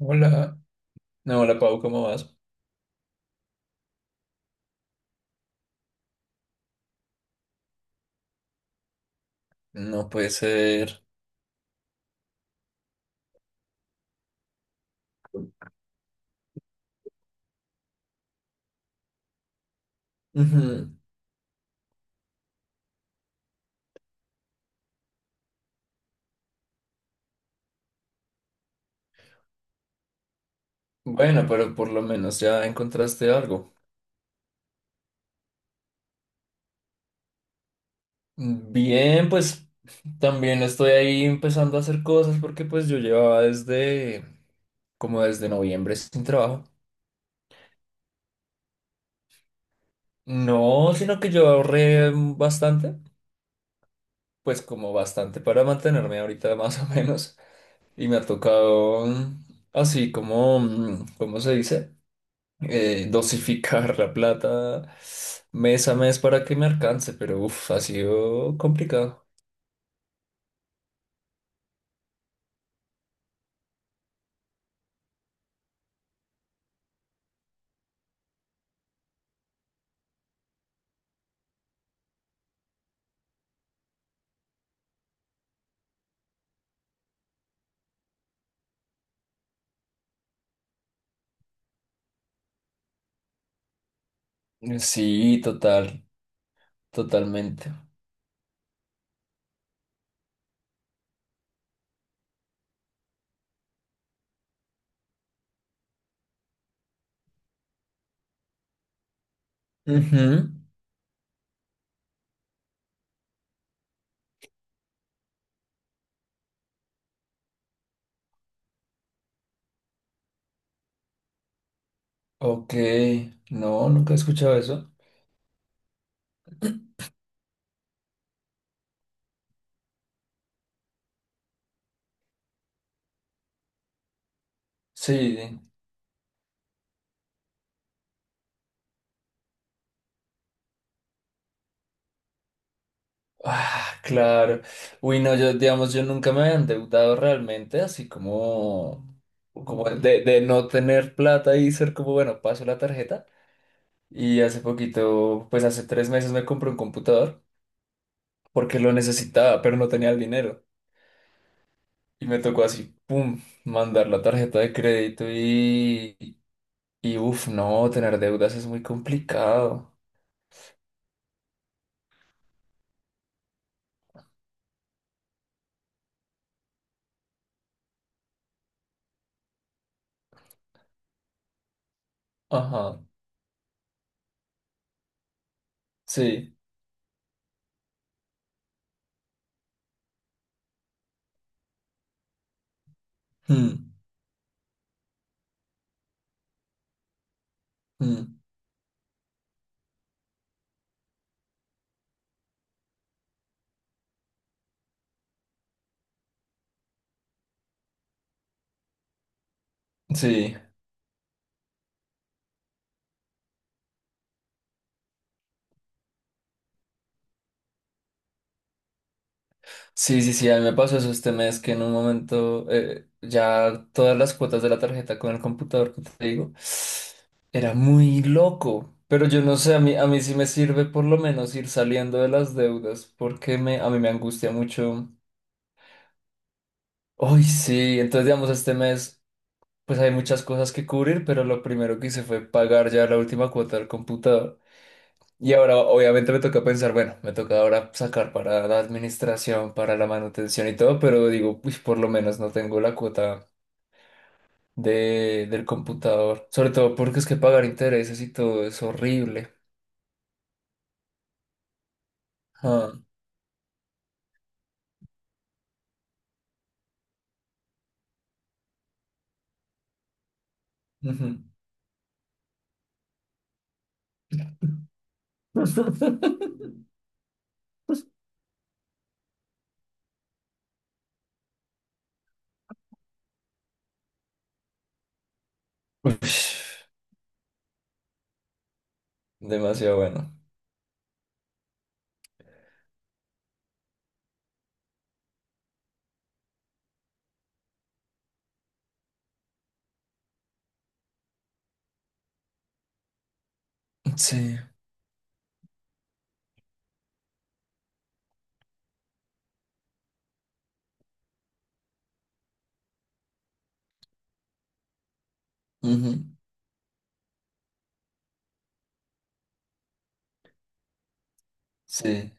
Hola, no, hola Pau, ¿cómo vas? No puede ser. Ujú. Bueno, pero por lo menos ya encontraste algo. Bien, pues también estoy ahí empezando a hacer cosas porque pues yo llevaba desde como desde noviembre sin trabajo. No, sino que yo ahorré bastante, pues como bastante para mantenerme ahorita más o menos. Y me ha tocado así como, ¿cómo se dice? Dosificar la plata mes a mes para que me alcance, pero ha sido complicado. Sí, total, totalmente. Ujú. Ok, no, nunca he escuchado eso. Sí, ah, claro. Uy, no, yo, digamos, yo nunca me había endeudado realmente, así como, como de no tener plata y ser como, bueno, paso la tarjeta. Y hace poquito, pues hace tres meses me compré un computador, porque lo necesitaba, pero no tenía el dinero. Y me tocó así, pum, mandar la tarjeta de crédito y uff, no, tener deudas es muy complicado. Ajá, sí. Mm, mm, Sí, sí, sí, sí, a mí me pasó eso este mes que en un momento ya todas las cuotas de la tarjeta con el computador que te digo era muy loco. Pero yo no sé, a mí sí me sirve por lo menos ir saliendo de las deudas a mí me angustia mucho. Uy, sí, entonces digamos este mes pues hay muchas cosas que cubrir, pero lo primero que hice fue pagar ya la última cuota del computador. Y ahora obviamente me toca pensar, bueno, me toca ahora sacar para la administración, para la manutención y todo, pero digo, pues por lo menos no tengo la cuota del computador. Sobre todo porque es que pagar intereses y todo es horrible. Ah, ujú. Ush, demasiado bueno. Sí, ujú, sí.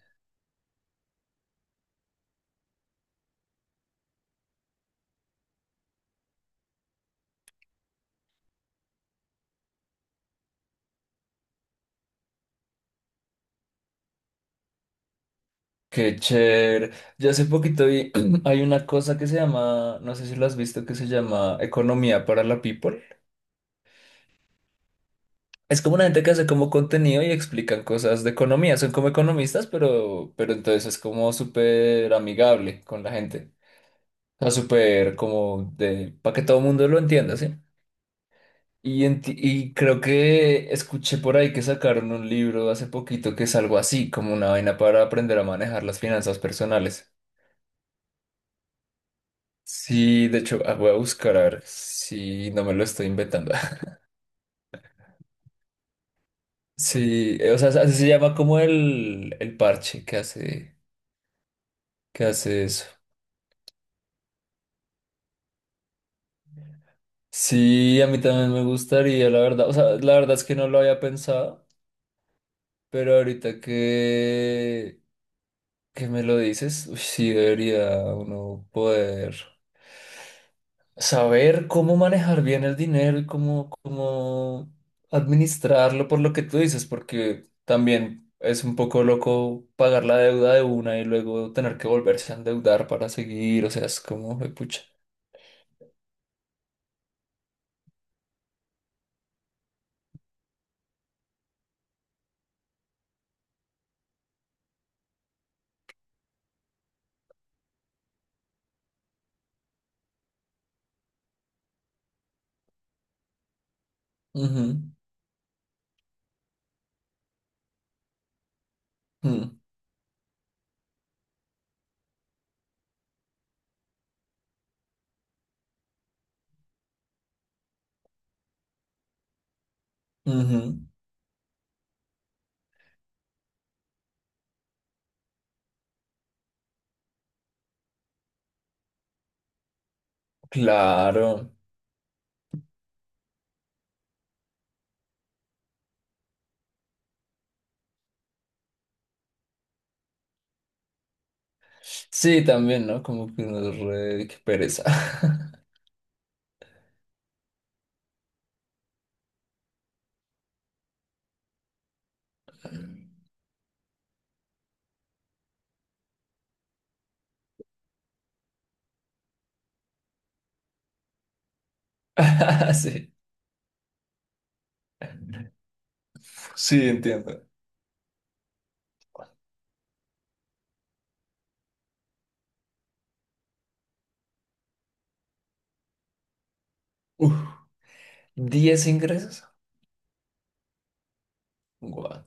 Qué chévere. Yo hace poquito vi, hay una cosa que se llama, no sé si lo has visto, que se llama Economía para la People. Es como una gente que hace como contenido y explican cosas de economía. Son como economistas, pero entonces es como súper amigable con la gente. O sea, súper como de, para que todo el mundo lo entienda, ¿sí? Y, y creo que escuché por ahí que sacaron un libro hace poquito que es algo así, como una vaina para aprender a manejar las finanzas personales. Sí, de hecho, ah, voy a buscar a ver si no me lo estoy inventando. Sí, o sea, así se llama como el parche que hace eso. Sí, a mí también me gustaría, la verdad. O sea, la verdad es que no lo había pensado, pero que me lo dices, uy, sí debería uno poder. Saber cómo manejar bien el dinero y cómo administrarlo por lo que tú dices, porque también es un poco loco pagar la deuda de una y luego tener que volverse a endeudar para seguir, o sea, es como, pucha. Ujú, mm, ujú. Claro. Sí, también, ¿no? Como que uno es re... qué pereza. Sí, sí, entiendo. Uf. ¿10 ingresos? Guau.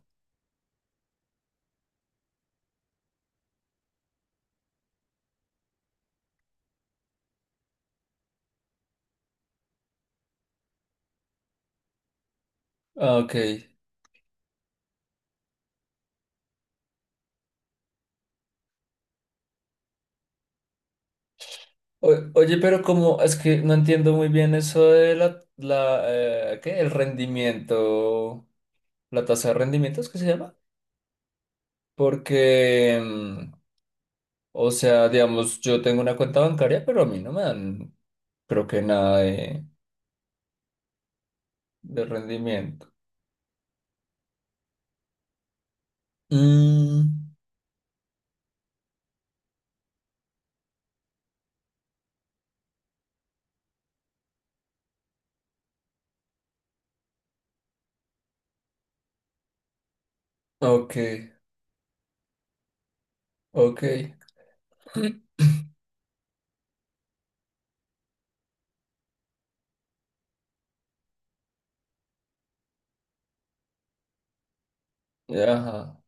Ah, ok. Oye, pero como es que no entiendo muy bien eso de la ¿qué? El rendimiento, la tasa de rendimientos que se llama, porque, mm, o sea, digamos, yo tengo una cuenta bancaria, pero a mí no me dan, creo que nada de, de rendimiento. Mm, ok, ok, ajá,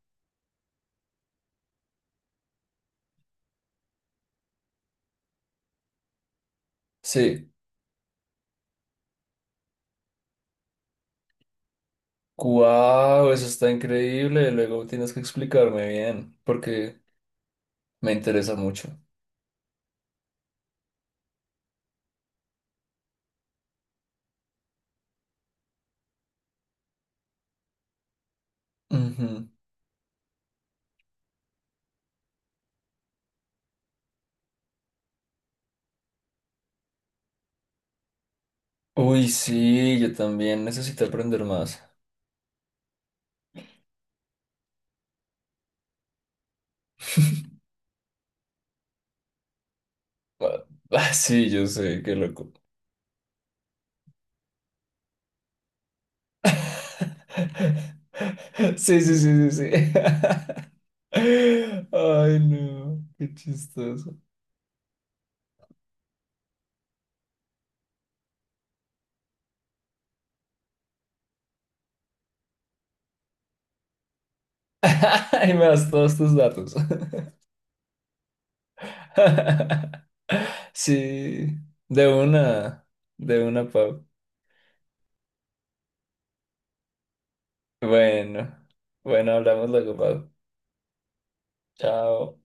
sí. Wow, eso está increíble. Luego tienes que explicarme bien, porque me interesa mucho. Uy, sí, yo también necesito aprender más. Ah, ah, sí, yo sé, qué loco. Sí, sí, sí, sí, sí. Ay, no, qué chistoso. Y me das todos tus datos. Sí, de una, de una, Pau. Bueno, bueno, hablamos luego, Pau. Chao.